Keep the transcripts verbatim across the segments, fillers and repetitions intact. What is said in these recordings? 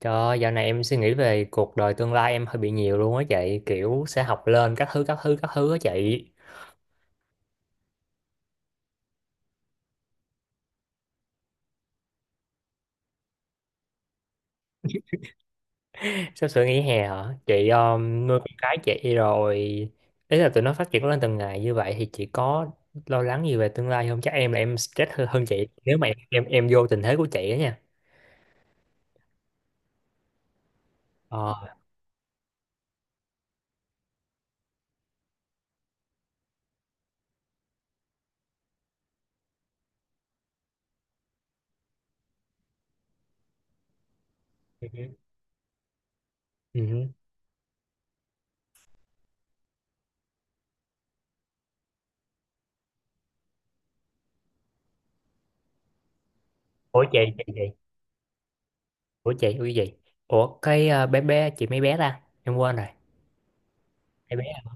Trời ơi, dạo này em suy nghĩ về cuộc đời tương lai em hơi bị nhiều luôn á chị, kiểu sẽ học lên các thứ các thứ các thứ á chị. Sắp sửa nghỉ hè hả chị? Um, nuôi con cái chị rồi, ý là tụi nó phát triển lên từng ngày như vậy thì chị có lo lắng gì về tương lai không? Chắc em là em stress hơn, hơn chị nếu mà em em, em vô tình thế của chị á nha. ờ. ừ. ừ. ủa chị chị chị ủa chị ủa gì. Ủa cái ờ, bé bé chị, mấy bé ta em quên rồi. Mấy bé à?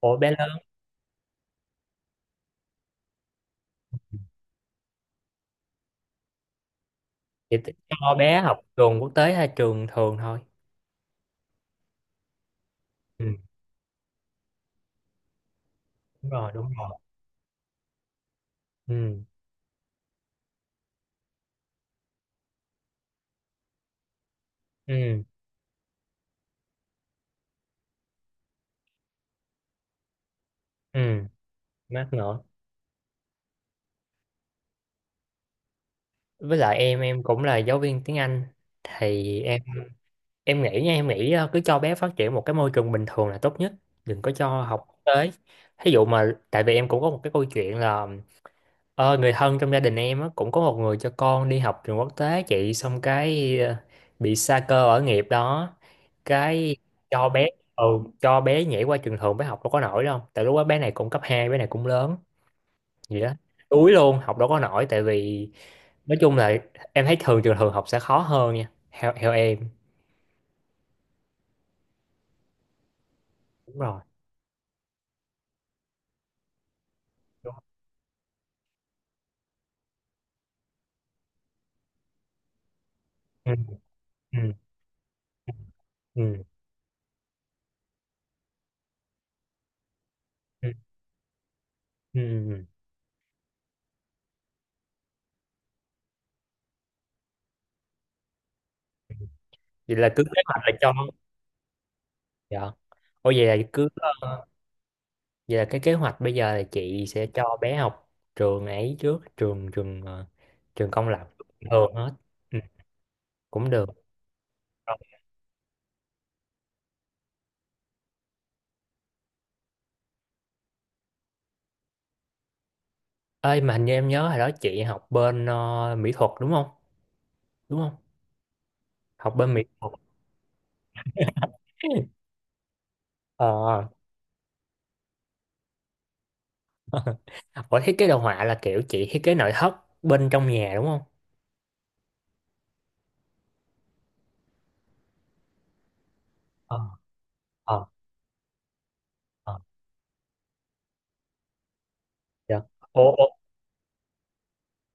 Ủa bé lớn. Chị t- cho bé học trường quốc tế hay trường thường thôi? Ừ. Đúng rồi, đúng rồi. Ừ. Ừ. Ừ. Mát nữa. Với lại em em cũng là giáo viên tiếng Anh, thì em. Em nghĩ nha, em nghĩ ờ, cứ cho bé phát triển một cái môi trường bình thường là tốt nhất, đừng có cho học quốc tế. Thí dụ mà, tại vì em cũng có một cái câu chuyện là, ờ, người thân trong gia đình em á, cũng có một người cho con đi học trường quốc tế chị, xong cái ờ, bị sa cơ ở nghiệp đó. Cái cho bé. Ừ, cho bé nhảy qua trường thường, bé học đâu có nổi đâu, tại lúc đó bé này cũng cấp hai, bé này cũng lớn gì đó. Đuối luôn, học đâu có nổi, tại vì nói chung là em thấy thường trường thường học sẽ khó hơn nha, theo theo em. Đúng rồi. Đúng rồi. Ừ. Ừ. Ừ. Ừ. Ừ. Ừ. Vậy là cứ kế hoạch là cho. Dạ. Ôi vậy là cứ ờ, vậy là cái kế hoạch bây giờ là chị sẽ cho bé học trường ấy trước, trường trường ờ, trường công lập thường hết. Ừ, cũng được. Rồi. Ơi mà hình như em nhớ hồi đó chị học bên ờ, mỹ thuật đúng không? Đúng không? Học bên mỹ thuật. ờ. Ủa, thiết kế đồ họa là kiểu chị thiết kế nội thất bên trong nhà đúng không? ờ. ờ. ờ. Dạ. Ủa, ủa,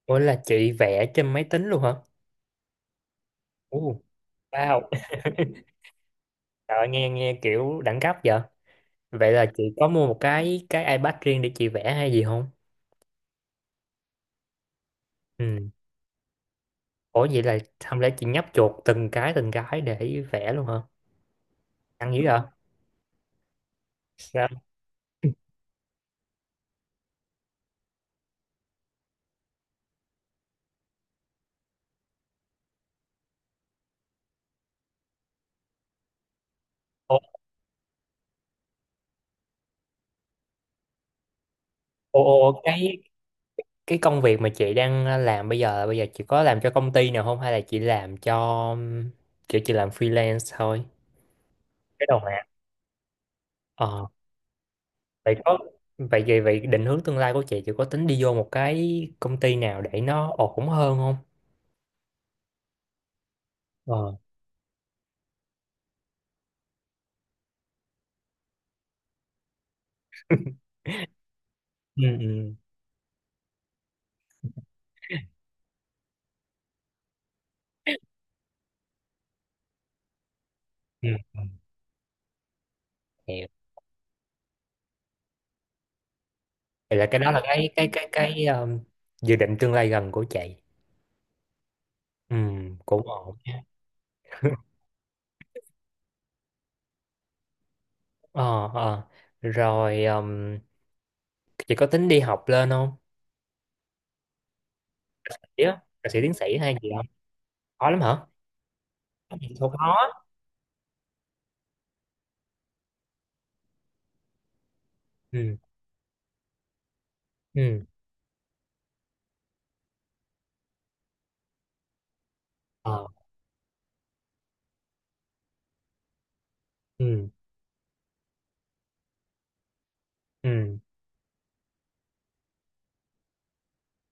ủa là chị vẽ trên máy tính luôn hả? Ồ. Wow. Trời ơi, nghe nghe kiểu đẳng cấp vậy. Vậy là chị có mua một cái cái iPad riêng để chị vẽ hay gì không? Ừ. Ủa vậy là không lẽ chị nhấp chuột từng cái từng cái để vẽ luôn hả? Ăn dữ vậy? Sao? Ủa, ủa, ủa, cái cái công việc mà chị đang ờ, làm bây giờ, bây giờ chị có làm cho công ty nào không, hay là chị làm cho, kiểu chị làm freelance thôi? Cái đầu mà. ờ. Vậy có, vậy vậy vậy định hướng tương lai của chị chị có tính đi vô một cái công ty nào để nó ổn hơn không? ờ. Ừ. Ừ. Ừ. Hiểu. Vậy là cái đó là cái cái cái cái um, dự định tương lai gần của chị. Ừ. Cũng ổn nha. ờ. ờ. Rồi um, chị có tính đi học lên không? Dạ. Thạc sĩ tiến sĩ hay gì không? Khó lắm hả? Không khó. Ừ. Ừ. ờ. Ừ. Ừ.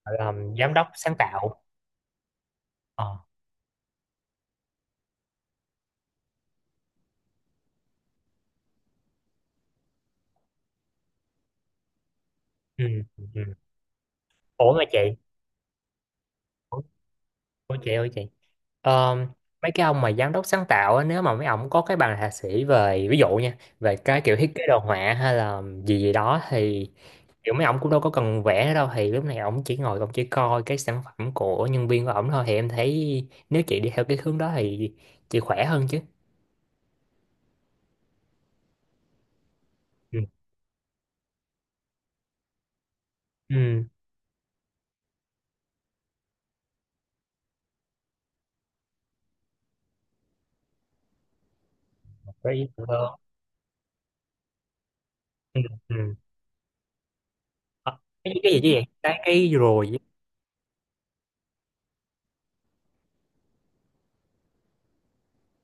Gọi là giám đốc sáng tạo. ờ. Ừ. Ừ. ủa mà chị ủa ủa chị ơi chị. Ờ, mấy cái ông mà giám đốc sáng tạo á, nếu mà mấy ông có cái bằng thạc sĩ về, ví dụ nha, về cái kiểu thiết kế đồ họa hay là gì gì đó thì kiểu mấy ông cũng đâu có cần vẽ đâu, thì lúc này ông chỉ ngồi ông chỉ coi cái sản phẩm của nhân viên của ổng thôi, thì em thấy nếu chị đi theo cái hướng đó thì chị khỏe hơn chứ. Ừ. Ừ. Có ý tưởng hơn. Ừ. Ừ. Ờ, cái cái gì chứ vậy cái cái rồi với-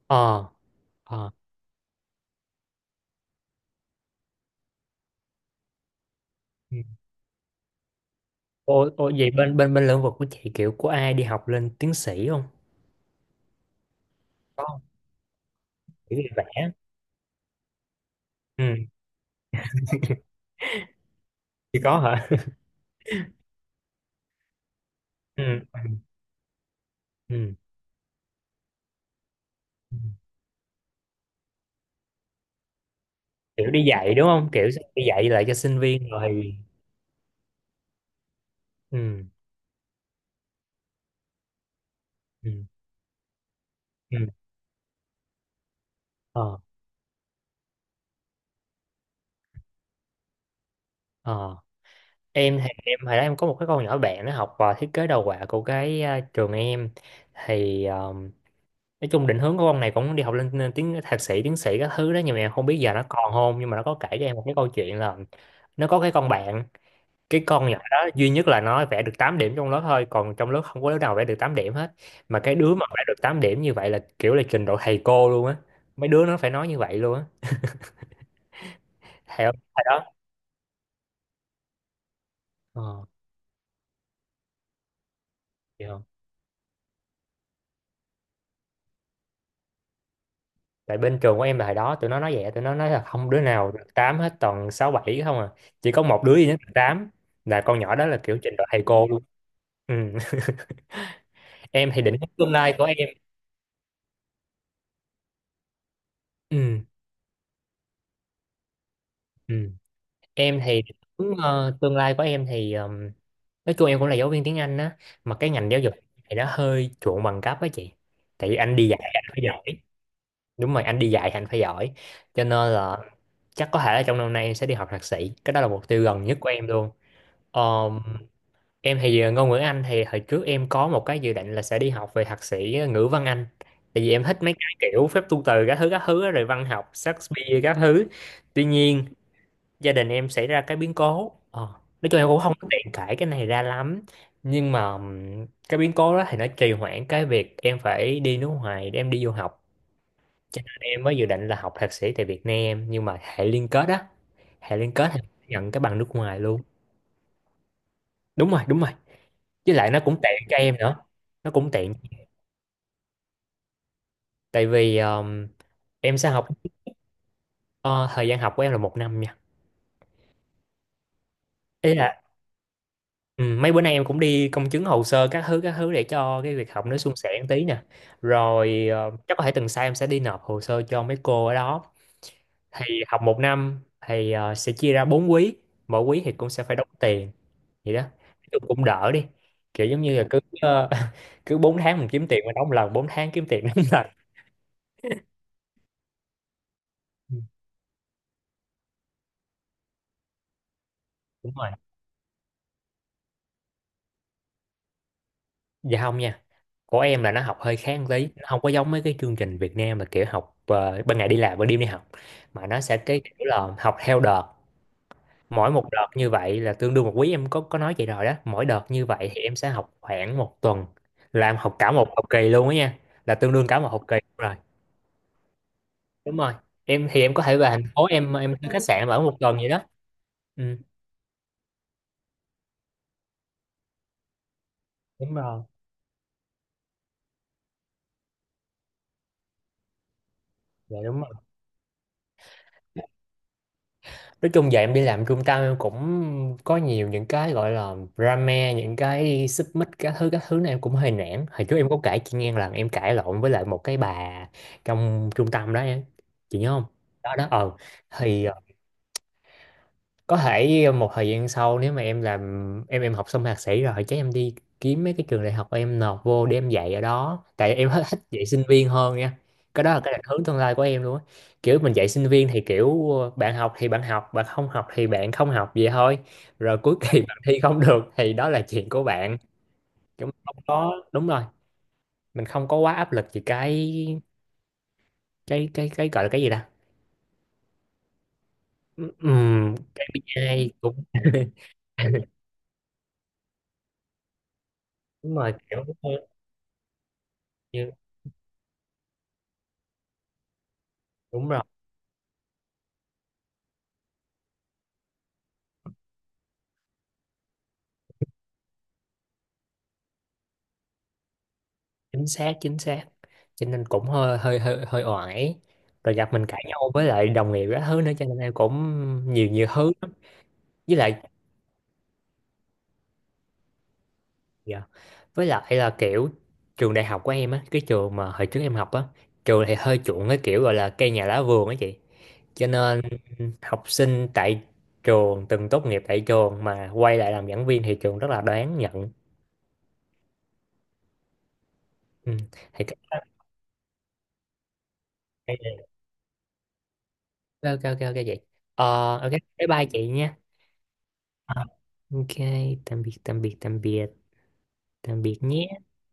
ờ. ờ. Ừ. Ô, ô vậy bên bên bên lĩnh vực của chị kiểu của ai đi học lên tiến sĩ không? Có không? Kiểu đi vẽ. Ừ. Chỉ có hả? Ừ. Ừ. Ừ. Kiểu đi dạy đúng không, kiểu đi dạy lại cho sinh viên rồi thì- Ừ. Ừ. Ừ. ờ. ờ. Em thì em hồi đó em có một cái con nhỏ bạn nó học vào thiết kế đồ họa của cái à, trường em, thì ờ, nói chung định hướng của con này cũng đi học lên tiếng thạc sĩ tiến sĩ các thứ đó, nhưng mà em không biết giờ nó còn không, nhưng mà nó có kể cho em một cái câu chuyện là nó có cái con bạn, cái con nhỏ đó duy nhất là nó vẽ được tám điểm trong lớp thôi, còn trong lớp không có đứa nào vẽ được tám điểm hết. Mà cái đứa mà vẽ được tám điểm như vậy là kiểu là trình độ thầy cô luôn á, mấy đứa nó phải nói như vậy luôn á, thầy không thầy đó. ờ. Hiểu không? Tại bên trường của em là hồi đó tụi nó nói vậy, tụi nó nói là không đứa nào được tám hết, toàn sáu bảy không à, chỉ có một đứa duy nhất được tám, là con nhỏ đó là kiểu trình độ thầy cô luôn. Ừ, em thì định hướng tương lai của em. Ừ. Ừ. Em thì định hướng ờ, tương lai của em thì ờm, nói chung em cũng là giáo viên tiếng Anh á, mà cái ngành giáo dục thì nó hơi chuộng bằng cấp á chị, tại vì anh đi dạy anh phải giỏi. Đúng rồi, anh đi dạy thì anh phải giỏi, cho nên là chắc có thể là trong năm nay em sẽ đi học thạc sĩ, cái đó là mục tiêu gần nhất của em luôn. Em thì ờ, ngôn ngữ Anh thì hồi trước em có một cái dự định là sẽ đi học về thạc sĩ ờ, ngữ văn Anh. Tại vì em thích mấy cái kiểu phép tu từ các thứ các thứ á, rồi văn học Shakespeare các thứ. Tuy nhiên gia đình em xảy ra cái biến cố. Ờ, nói chung em cũng không có tiện cãi cái này ra lắm. Nhưng mà ừm, cái biến cố đó thì nó trì hoãn cái việc em phải đi nước ngoài để em đi du học. Cho nên em mới dự định là học thạc sĩ tại Việt Nam, nhưng mà hệ liên kết á, hệ liên kết thì nhận cái bằng nước ngoài luôn. Đúng rồi, đúng rồi. Với lại nó cũng tiện cho em nữa, nó cũng tiện, tại vì um, em sẽ học ờ, thời gian học của em là một năm nha. Ý là ừ, mấy bữa nay em cũng đi công chứng hồ sơ các thứ các thứ để cho cái việc học nó suôn sẻ một tí nè, rồi ờ, chắc có thể tuần sau em sẽ đi nộp hồ sơ cho mấy cô ở đó. Thì học một năm thì ờ, sẽ chia ra bốn quý, mỗi quý thì cũng sẽ phải đóng tiền, vậy đó. Nói chung cũng đỡ đi, kiểu giống như là cứ ờ, cứ bốn tháng mình kiếm tiền mình đóng một lần, bốn tháng kiếm tiền đóng một lần. Ừ, đúng rồi. Dạ không nha, của em là nó học hơi khác một tí, nó không có giống mấy cái chương trình Việt Nam mà kiểu học ờ, ban ngày đi làm ban đêm đi học, mà nó sẽ cái kiểu là học theo đợt. Mỗi một đợt như vậy là tương đương một quý, em có có nói vậy rồi đó, mỗi đợt như vậy thì em sẽ học khoảng một tuần, làm học cả một học kỳ luôn á nha, là tương đương cả một học kỳ rồi. Đúng rồi, em thì em có thể về thành phố, em em thuê khách sạn ở một tuần vậy đó. Ừ, đúng rồi. Dạ đúng. Nói chung giờ em đi làm trung tâm em cũng có nhiều những cái gọi là drama, những cái xích mích các thứ các thứ này, em cũng hơi nản. Hồi trước em có kể chị nghe là em cãi lộn với lại một cái bà trong trung tâm đó em, chị nhớ không? Đó đó. ờ. Thì ờ, có thể một thời gian sau nếu mà em làm, em em học xong thạc sĩ rồi chắc em đi kiếm mấy cái trường đại học em nộp vô để em dạy ở đó, tại em hết thích dạy sinh viên hơn nha. Cái đó là cái định hướng tương lai của em luôn á, kiểu mình dạy sinh viên thì kiểu bạn học thì bạn học, bạn không học thì bạn không học vậy thôi, rồi cuối kỳ bạn thi không được thì đó là chuyện của bạn. Chúng không có, đúng rồi, mình không có quá áp lực gì, cái cái cái cái gọi là cái gì ta. Ừm, ai cũng đúng rồi, kiểu như đúng rồi. Chính xác, chính xác, cho nên cũng hơi hơi hơi hơi oải, rồi gặp mình cãi nhau với lại đồng nghiệp các thứ nữa, cho nên em cũng nhiều nhiều thứ lắm. Với lại. Dạ. Với lại là kiểu trường đại học của em á, cái trường mà hồi trước em học á, trường thì hơi chuộng cái kiểu gọi là cây nhà lá vườn á chị, cho nên học sinh tại trường, từng tốt nghiệp tại trường mà quay lại làm giảng viên thì trường rất là đáng nhận. Ừ. Thì cái, ok ok ok ok chị. ờ. Ok. Bye bye chị nha. Ok, tạm biệt, tạm biệt, tạm biệt, tạm biệt nhé.